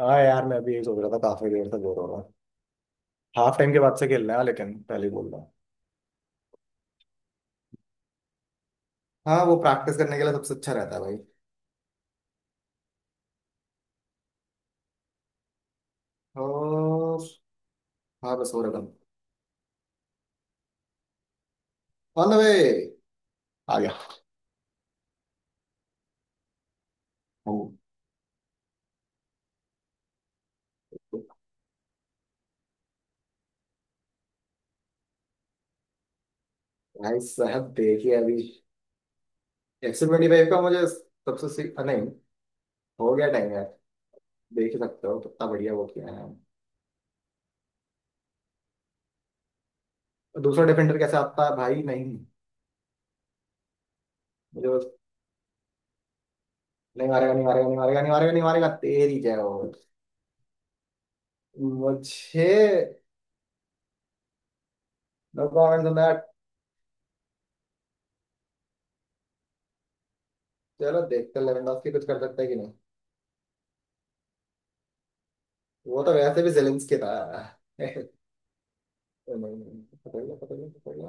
हाँ यार, मैं अभी यही सोच रहा था, काफी देर से बोर हो रहा हूँ। हाफ टाइम के बाद से खेलना है, लेकिन पहले ही बोल रहा हूँ। हाँ, वो प्रैक्टिस करने के लिए सबसे अच्छा रहता है भाई। और हाँ, बस हो रहा था। On the way. आ गया। हम। भाई साहब देखिए अभी XL25 का मुझे सबसे नहीं। हो गया टाइम यार। देख ही सकते हो कितना बढ़िया वो किया है। दूसरा डिफेंडर कैसे आता है भाई? नहीं, मुझे बस नहीं मारेगा नहीं मारेगा नहीं मारेगा नहीं मारेगा नहीं मारेगा, तेरी जय हो। मुझे नो कमेंट। चलो देखते हैं लेवेंडोस्की कुछ कर सकता है कि नहीं। वो तो वैसे भी जेलेंस्की था। नहीं नहीं, पकड़ लो पकड़ लो पकड़ लो।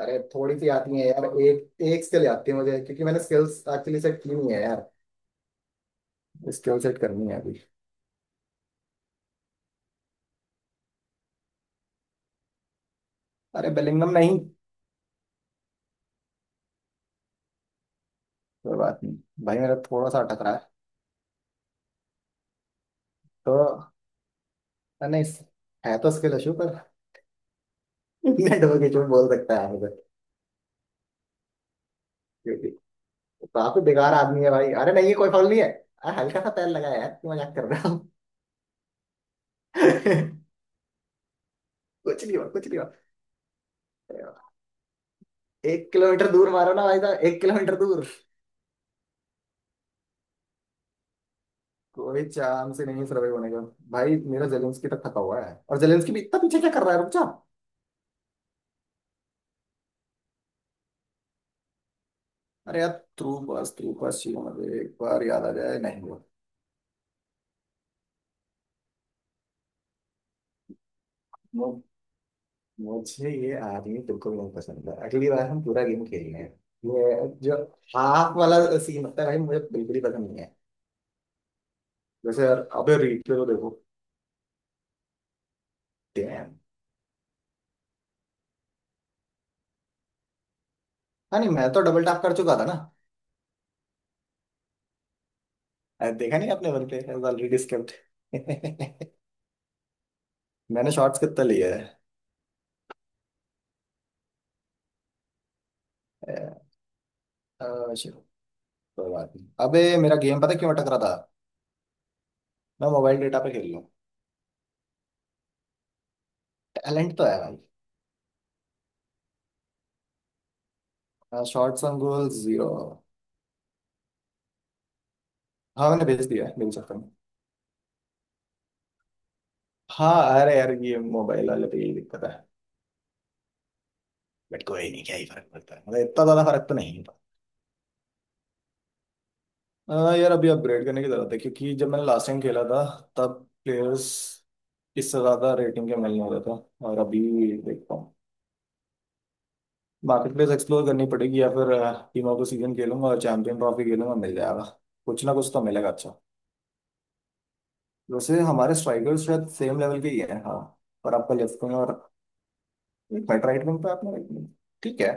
अरे थोड़ी सी आती है यार, एक एक स्किल आती है मुझे क्योंकि मैंने स्किल्स एक्चुअली सेट की नहीं है यार। स्किल सेट करनी है अभी। अरे बेलिंगम नहीं। कोई बात नहीं। भाई मेरा थोड़ा सा अटक रहा है तो। नहीं, है तो स्किल इशू पर। नेटवर्क इशू बोल सकता है मुझे। क्योंकि काफी बेकार आदमी है भाई। अरे नहीं ये कोई फॉल नहीं है, अरे हल्का सा पैर लगाया यार, क्यों मजाक कर रहा हूँ। कुछ नहीं हुआ, कुछ नहीं हुआ। एक किलोमीटर दूर मारो ना भाई साहब, 1 किलोमीटर दूर। कोई चांस ही नहीं सर्वाइव होने का। भाई मेरा जेलेंस्की तक थका हुआ है, और जेलेंस्की भी इतना पीछे क्या कर रहा है, रुक जा। अरे यार, थ्रू पास, थ्रू पास चाहिए मुझे, एक बार याद आ जाए, नहीं हुआ। मु- मुझे ये आदमी बिल्कुल नहीं पसंद है। अगली बार हम पूरा गेम खेलेंगे, ये जो हाफ वाला सीन होता है भाई, मुझे बिल्कुल ही पसंद नहीं है। जैसे यार, अबे replay तो देखो। डैम। हाँ, नहीं मैं तो डबल टैप कर चुका था ना। अरे, देखा नहीं आपने? वन पे ऑलरेडी स्किप्ड। मैंने शॉर्ट्स कितना लिया है? अ, चलो, कोई बात नहीं। अबे मेरा गेम पता है क्यों अटक रहा था? मैं मोबाइल डेटा पे खेल रहा हूँ। टैलेंट तो है भाई। शॉर्ट्स ऑन गोल 0। हाँ मैंने भेज दिया है, मिल सकता हूँ। हाँ अरे यार, ये मोबाइल वाले पे यही दिक्कत है। बट कोई नहीं, क्या ही फर्क पड़ता है, मतलब इतना ज्यादा फर्क तो नहीं पड़ता। यार अभी अपग्रेड करने की जरूरत है क्योंकि जब मैंने लास्ट टाइम खेला था, तब प्लेयर्स इससे ज्यादा रेटिंग के मिलने वाला था। और अभी देखता हूँ, मार्केट प्लेस एक्सप्लोर करनी पड़ेगी या फिर टीमों को सीजन खेलूंगा और चैंपियन ट्रॉफी खेलूंगा, मिल जाएगा। कुछ ना कुछ तो मिलेगा अच्छा। वैसे हमारे स्ट्राइकर्स शायद सेम लेवल के ही हैं, हाँ। पर आपका लेफ्ट विंग और एक मिनट, राइट विंग पे आपने right wing। ठीक है।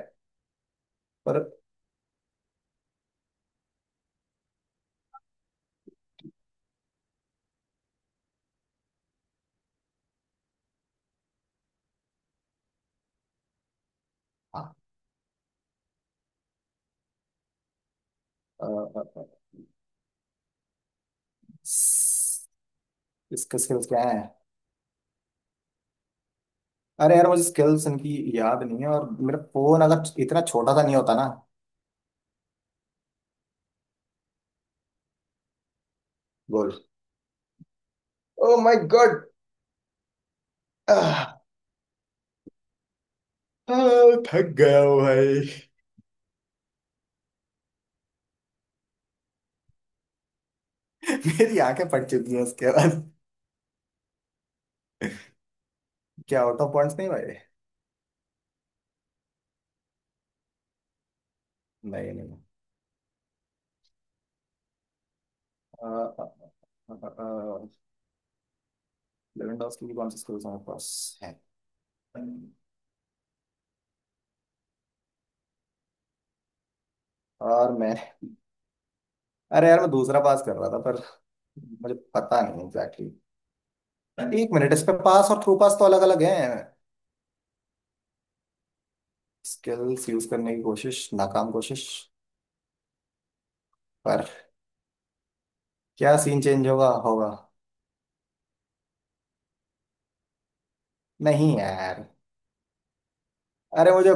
पर हाँ। अ, अ, अ, स- इसके स्किल्स क्या हैं? अरे यार मुझे स्किल्स इनकी याद नहीं है, और मेरा फोन अगर इतना छोटा सा नहीं होता ना। गोल! Oh my god. थक गया हूँ भाई। मेरी आंखें फट चुकी हैं उसके बाद। क्या आउट ऑफ पॉइंट्स नहीं भाई? नहीं नहीं। लेवेंडोस्की की कौन सी स्किल्स हमारे पास है? और मैं अरे यार, मैं दूसरा पास कर रहा था पर मुझे पता नहीं एग्जैक्टली exactly. एक मिनट, इस पे पास और थ्रू पास तो अलग अलग हैं। स्किल्स यूज करने की कोशिश, नाकाम कोशिश। पर क्या सीन चेंज होगा, होगा? नहीं यार। अरे मुझे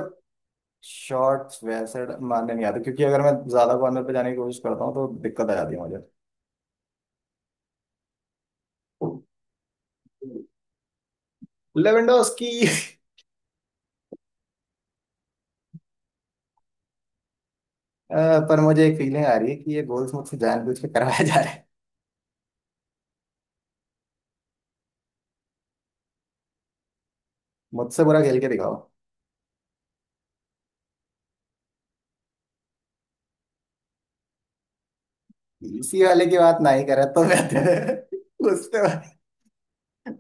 शॉर्ट्स वैसे मारने नहीं आते क्योंकि अगर मैं ज्यादा कॉर्नर पे जाने की कोशिश करता हूँ तो दिक्कत आ जाती है मुझे। लेवेंडोस की। अ, पर मुझे एक फीलिंग आ रही है कि ये गोल्स मुझसे जानबूझ के करवाया जा रहा है। मुझसे बुरा खेल के दिखाओ। इसी वाले की बात नहीं करे तो बेहतर। उस पे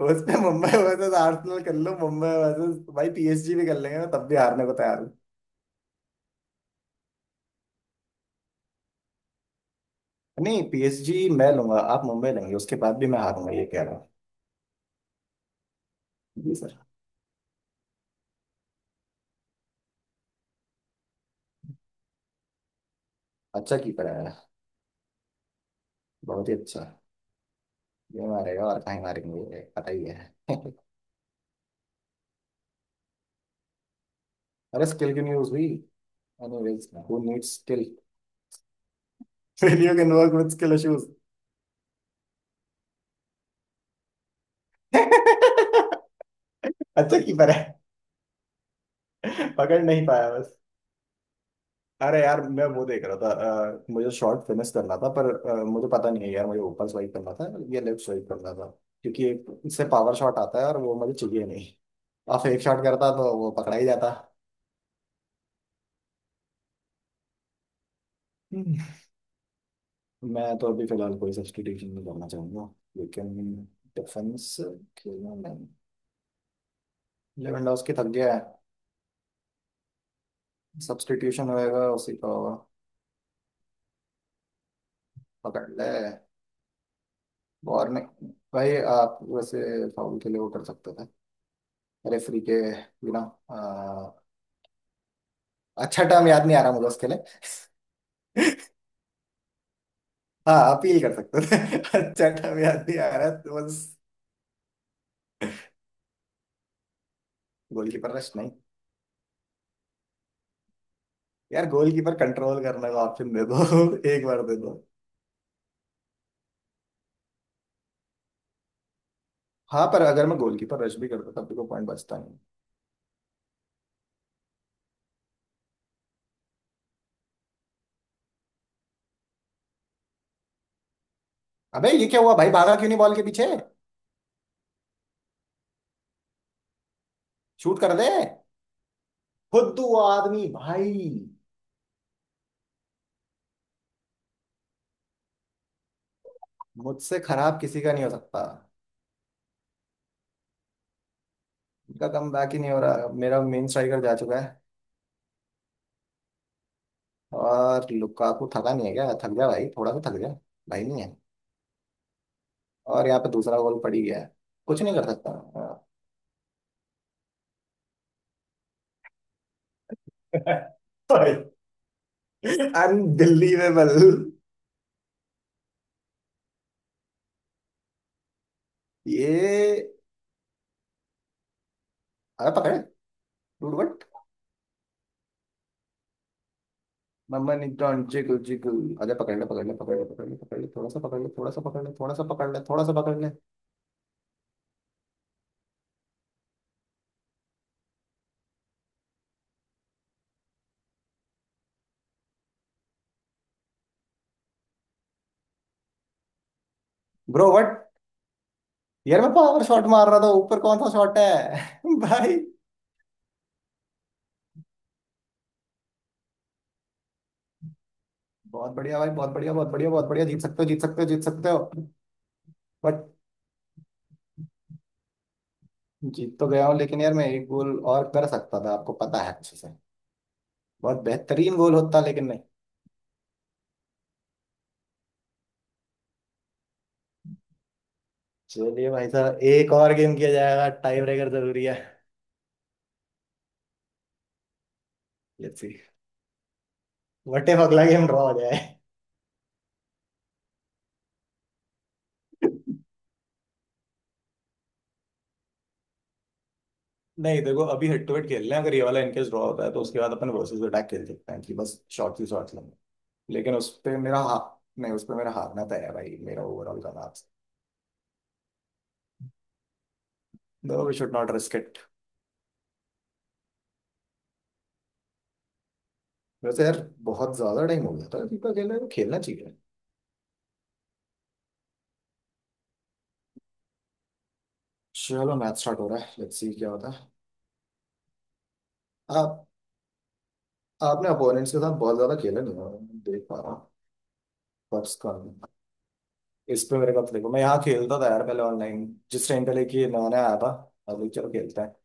उस पे मुंबई वर्सेस आर्सेनल कर लो, मुंबई वर्सेस, भाई पीएसजी भी कर लेंगे, मैं तब भी हारने को तैयार हूँ। नहीं पीएसजी मैं लूंगा, आप मुंबई लेंगे, उसके बाद भी मैं हारूंगा ये कह रहा हूँ। जी सर। अच्छा कीपर है। बहुत ही अच्छा। ये मारेगा और कहीं मारेंगे ये पता ही है। अरे स्किल की न्यूज हुई। Anyways who needs skill. Failure can work with skill issues. अच्छा कीपर है। पकड़ नहीं पाया। अरे यार मैं वो देख रहा था। मुझे शॉर्ट फिनिश करना था पर मुझे पता नहीं है यार, मुझे ऊपर स्वाइप करना था या लेफ्ट स्वाइप करना था, क्योंकि एक इससे पावर शॉट आता है और वो मुझे चाहिए नहीं। और फेक शॉट करता तो वो पकड़ा ही जाता। हम्म। मैं तो अभी फिलहाल कोई सब्स्टिट्यूशन नहीं करना चाहूंगा, लेकिन डिफेंस खेलना नहीं। लेवेंडोस्की थक गया है, सब्स्टिट्यूशन होएगा उसी का होगा। पकड़ ले। और नहीं। भाई आप वैसे फाउल के लिए वो कर सकते थे, रेफरी के बिना। अच्छा टर्म याद नहीं आ रहा मुझे उसके लिए। हाँ अपील कर सकते थे। अच्छा टर्म याद नहीं आ रहा तो बस। गोलकीपर रश नहीं। यार गोलकीपर कंट्रोल करने का ऑप्शन दे दो। एक बार दे दो। हाँ, पर अगर मैं गोलकीपर रश भी करता तब भी कोई पॉइंट बचता नहीं। अबे ये क्या हुआ भाई, भागा क्यों नहीं बॉल के पीछे? शूट कर दे। खुद वो आदमी भाई। मुझसे खराब किसी का नहीं हो सकता। इनका कम बैक ही नहीं हो रहा, मेरा मेन स्ट्राइकर जा चुका है। और लुकाकू थका नहीं है क्या, थक जा भाई थोड़ा सा, थक जा भाई। नहीं है। और यहाँ पे दूसरा गोल पड़ ही गया है, कुछ नहीं कर सकता। हाँ। I'm believable. ये अरे पकड़े। टूट but mamma neutron jiggle jiggle. अरे पकड़ ले पकड़ ले पकड़ ले पकड़ ले पकड़ ले, थोड़ा सा पकड़ ले, थोड़ा सा पकड़ ले, थोड़ा सा पकड़ ले, थोड़ा सा पकड़ ले। ब्रो बट यार, मैं पावर शॉट मार रहा था, ऊपर कौन सा शॉट है? भाई, बहुत बढ़िया भाई, बहुत बढ़िया, बहुत बढ़िया, बहुत बढ़िया, जीत सकते हो जीत सकते हो जीत सकते हो। बट जीत तो गया हूँ, लेकिन यार मैं एक गोल और कर सकता था आपको पता है अच्छे से। बहुत बेहतरीन गोल होता लेकिन नहीं। चलिए भाई साहब एक और गेम किया जाएगा, टाई ब्रेकर जरूरी है। लेट्स सी व्हाट इफ अगला गेम ड्रॉ हो जाए। नहीं देखो, अभी हेड टू हेड खेल रहे हैं, अगर ये वाला इनकेस ड्रॉ होता है तो उसके बाद अपन वर्सेस अटैक खेल सकते हैं कि बस शॉर्ट ही शॉर्ट लेंगे। लेकिन उस पे मेरा हा, नहीं उस पे मेरा हारना तय है भाई, मेरा ओवरऑल का match. No we should not risk it. वैसे यार, बहुत ज्यादा टाइम हो गया था, दीपा खेल रहे हैं, खेलना चाहिए। चलो मैच स्टार्ट हो रहा है, लेट्स सी क्या होता है। आप, आपने अपोनेंट्स के साथ बहुत ज्यादा खेला नहीं है, मैं देख पा रहा हूँ। पर्स का इस पे मेरे को अब देखो, मैं यहाँ खेलता था यार पहले, ऑनलाइन, जिस टाइम पहले कि नया आया था। अभी चलो खेलते हैं।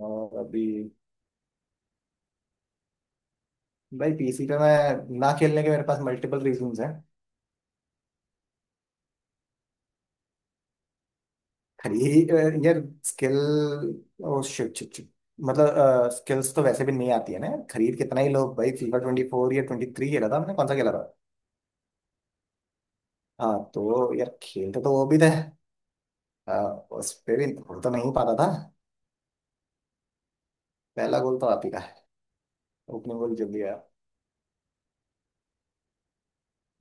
और अभी भाई, पीसी पे मैं ना खेलने के मेरे पास मल्टीपल रीजंस हैं। खरी यार skill, oh shit shit shit. मतलब स्किल्स तो वैसे भी नहीं आती है ना यार, खरीद कितना ही लोग। भाई फीफा 24 या 23 खेला था हमने, कौन सा खेला था? हाँ तो यार, खेलते तो वो भी थे। आ, उस पे भी गोल तो नहीं पाता था। पहला गोल तो आप ही का है। ओपनिंग गोल जल्दी आया।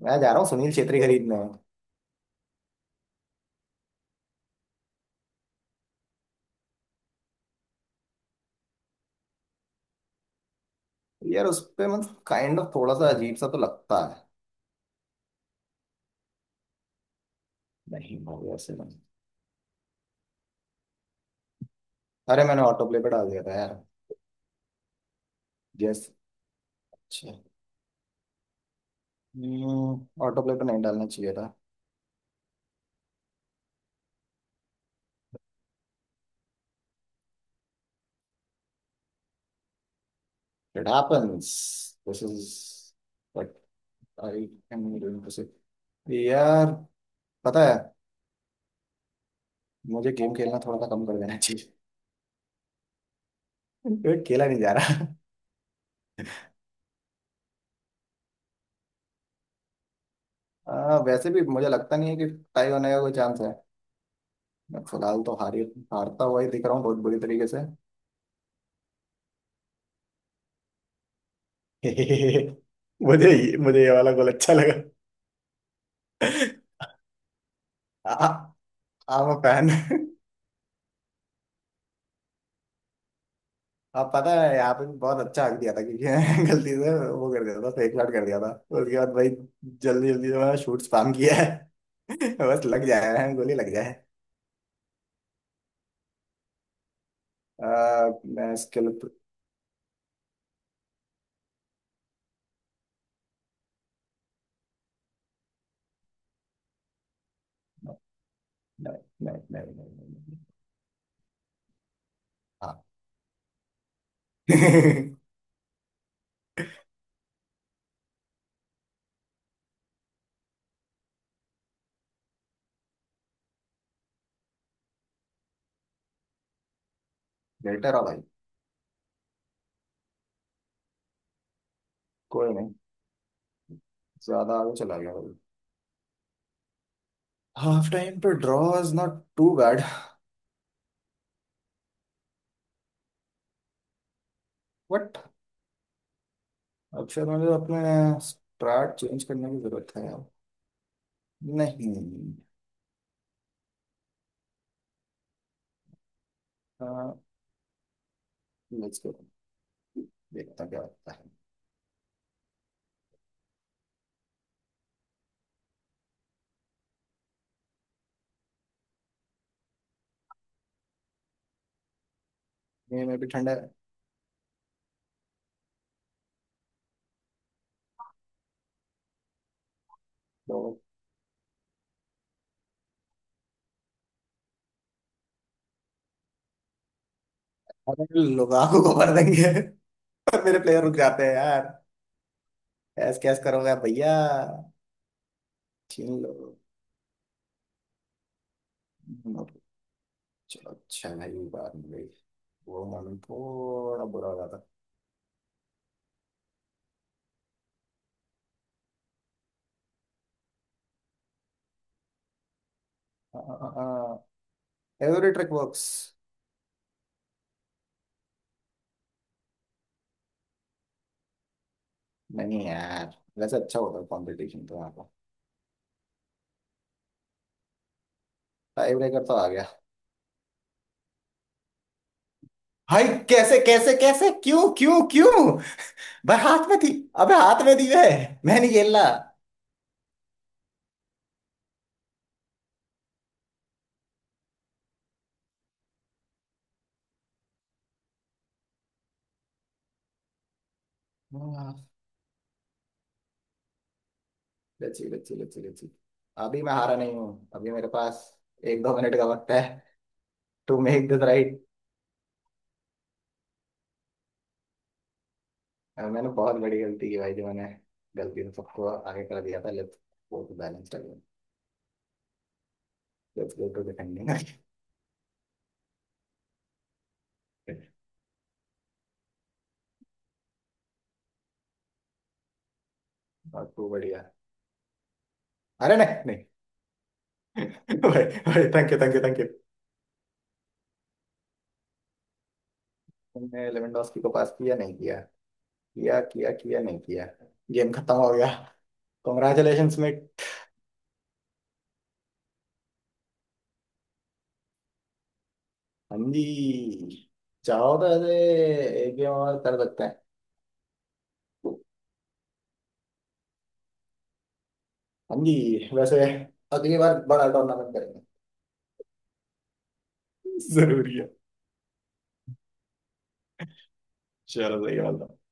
मैं जा रहा हूँ सुनील छेत्री खरीदने। यार उस पे मतलब काइंड ऑफ थोड़ा सा अजीब सा तो लगता है। नहीं हो गया से नहीं। अरे मैंने ऑटो प्ले पे डाल दिया था यार। यस। अच्छा। ऑटो प्ले पे नहीं डालना चाहिए था। It happens. This is what I am doing to say. यार पता है, मुझे गेम खेलना थोड़ा सा कम कर देना चाहिए। क्योंकि खेला नहीं जा रहा। वैसे भी मुझे लगता नहीं है कि टाई होने का कोई चांस है। मैं फिलहाल तो हारी, हारता हुआ ही दिख रहा हूँ बहुत बुरी तरीके से। मुझे मुझे ये वाला गोल अच्छा लगा। आई एम फैन। आप पता है यहाँ पे भी बहुत अच्छा हक दिया था क्योंकि मैं गलती से वो कर दिया था, फेक शॉट कर दिया था। उसके बाद भाई, जल्दी जल्दी से मैंने शूट स्पैम किया है। बस लग जाए, गोली लग जाए। आ, मैं इसके लिए तो- नहीं नहीं नहीं नहीं नहीं, नहीं। हाँ। बेटर है भाई। कोई नहीं, ज्यादा आगे चला गया भाई। हाफ टाइम पे draw is not too bad. But अब शायद मुझे अपने स्टार्ट चेंज करने की जरूरत है यार। नहीं लेट्स गो, देखता क्या होता है। नहीं मैं भी ठंडा है तो। अरे लुगाको को भर देंगे। पर मेरे प्लेयर रुक जाते हैं यार। ऐस कैस करोगे भैया? छीन लो। चलो अच्छा भाई बात नहीं गई, वो मालूम थोड़ा बुरा हो जाता। Every trick works. नहीं यार, वैसे अच्छा होता है कंपटीशन तो, यहाँ पर टाई ब्रेकर तो आ गया। भाई कैसे कैसे कैसे क्यों क्यों क्यों। भाई हाथ में थी, अबे हाथ में दी है। मैं नहीं खेलना। Let's see let's see let's see let's see. अभी मैं हारा नहीं हूँ, अभी मेरे पास एक दो मिनट का वक्त है, टू मेक दिस राइट। मैंने बहुत बड़ी गलती की भाई जो मैंने गलती से सबको आगे कर दिया था, let's go to balanced again, let's go to defending. और टू बढ़िया। अरे नहीं नहीं। भाई भाई, thank you thank you thank you. तुमने लेवेंडोस्की को पास किया, नहीं किया, किया किया किया, नहीं किया। गेम खत्म हो गया। Congratulation met. हाँ जी। चाहो तो ऐसे एक गेम और कर सकते हैं। हाँ जी, वैसे अगली बार बड़ा टूर्नामेंट करेंगे, जरूरी है। चलो सही बात है।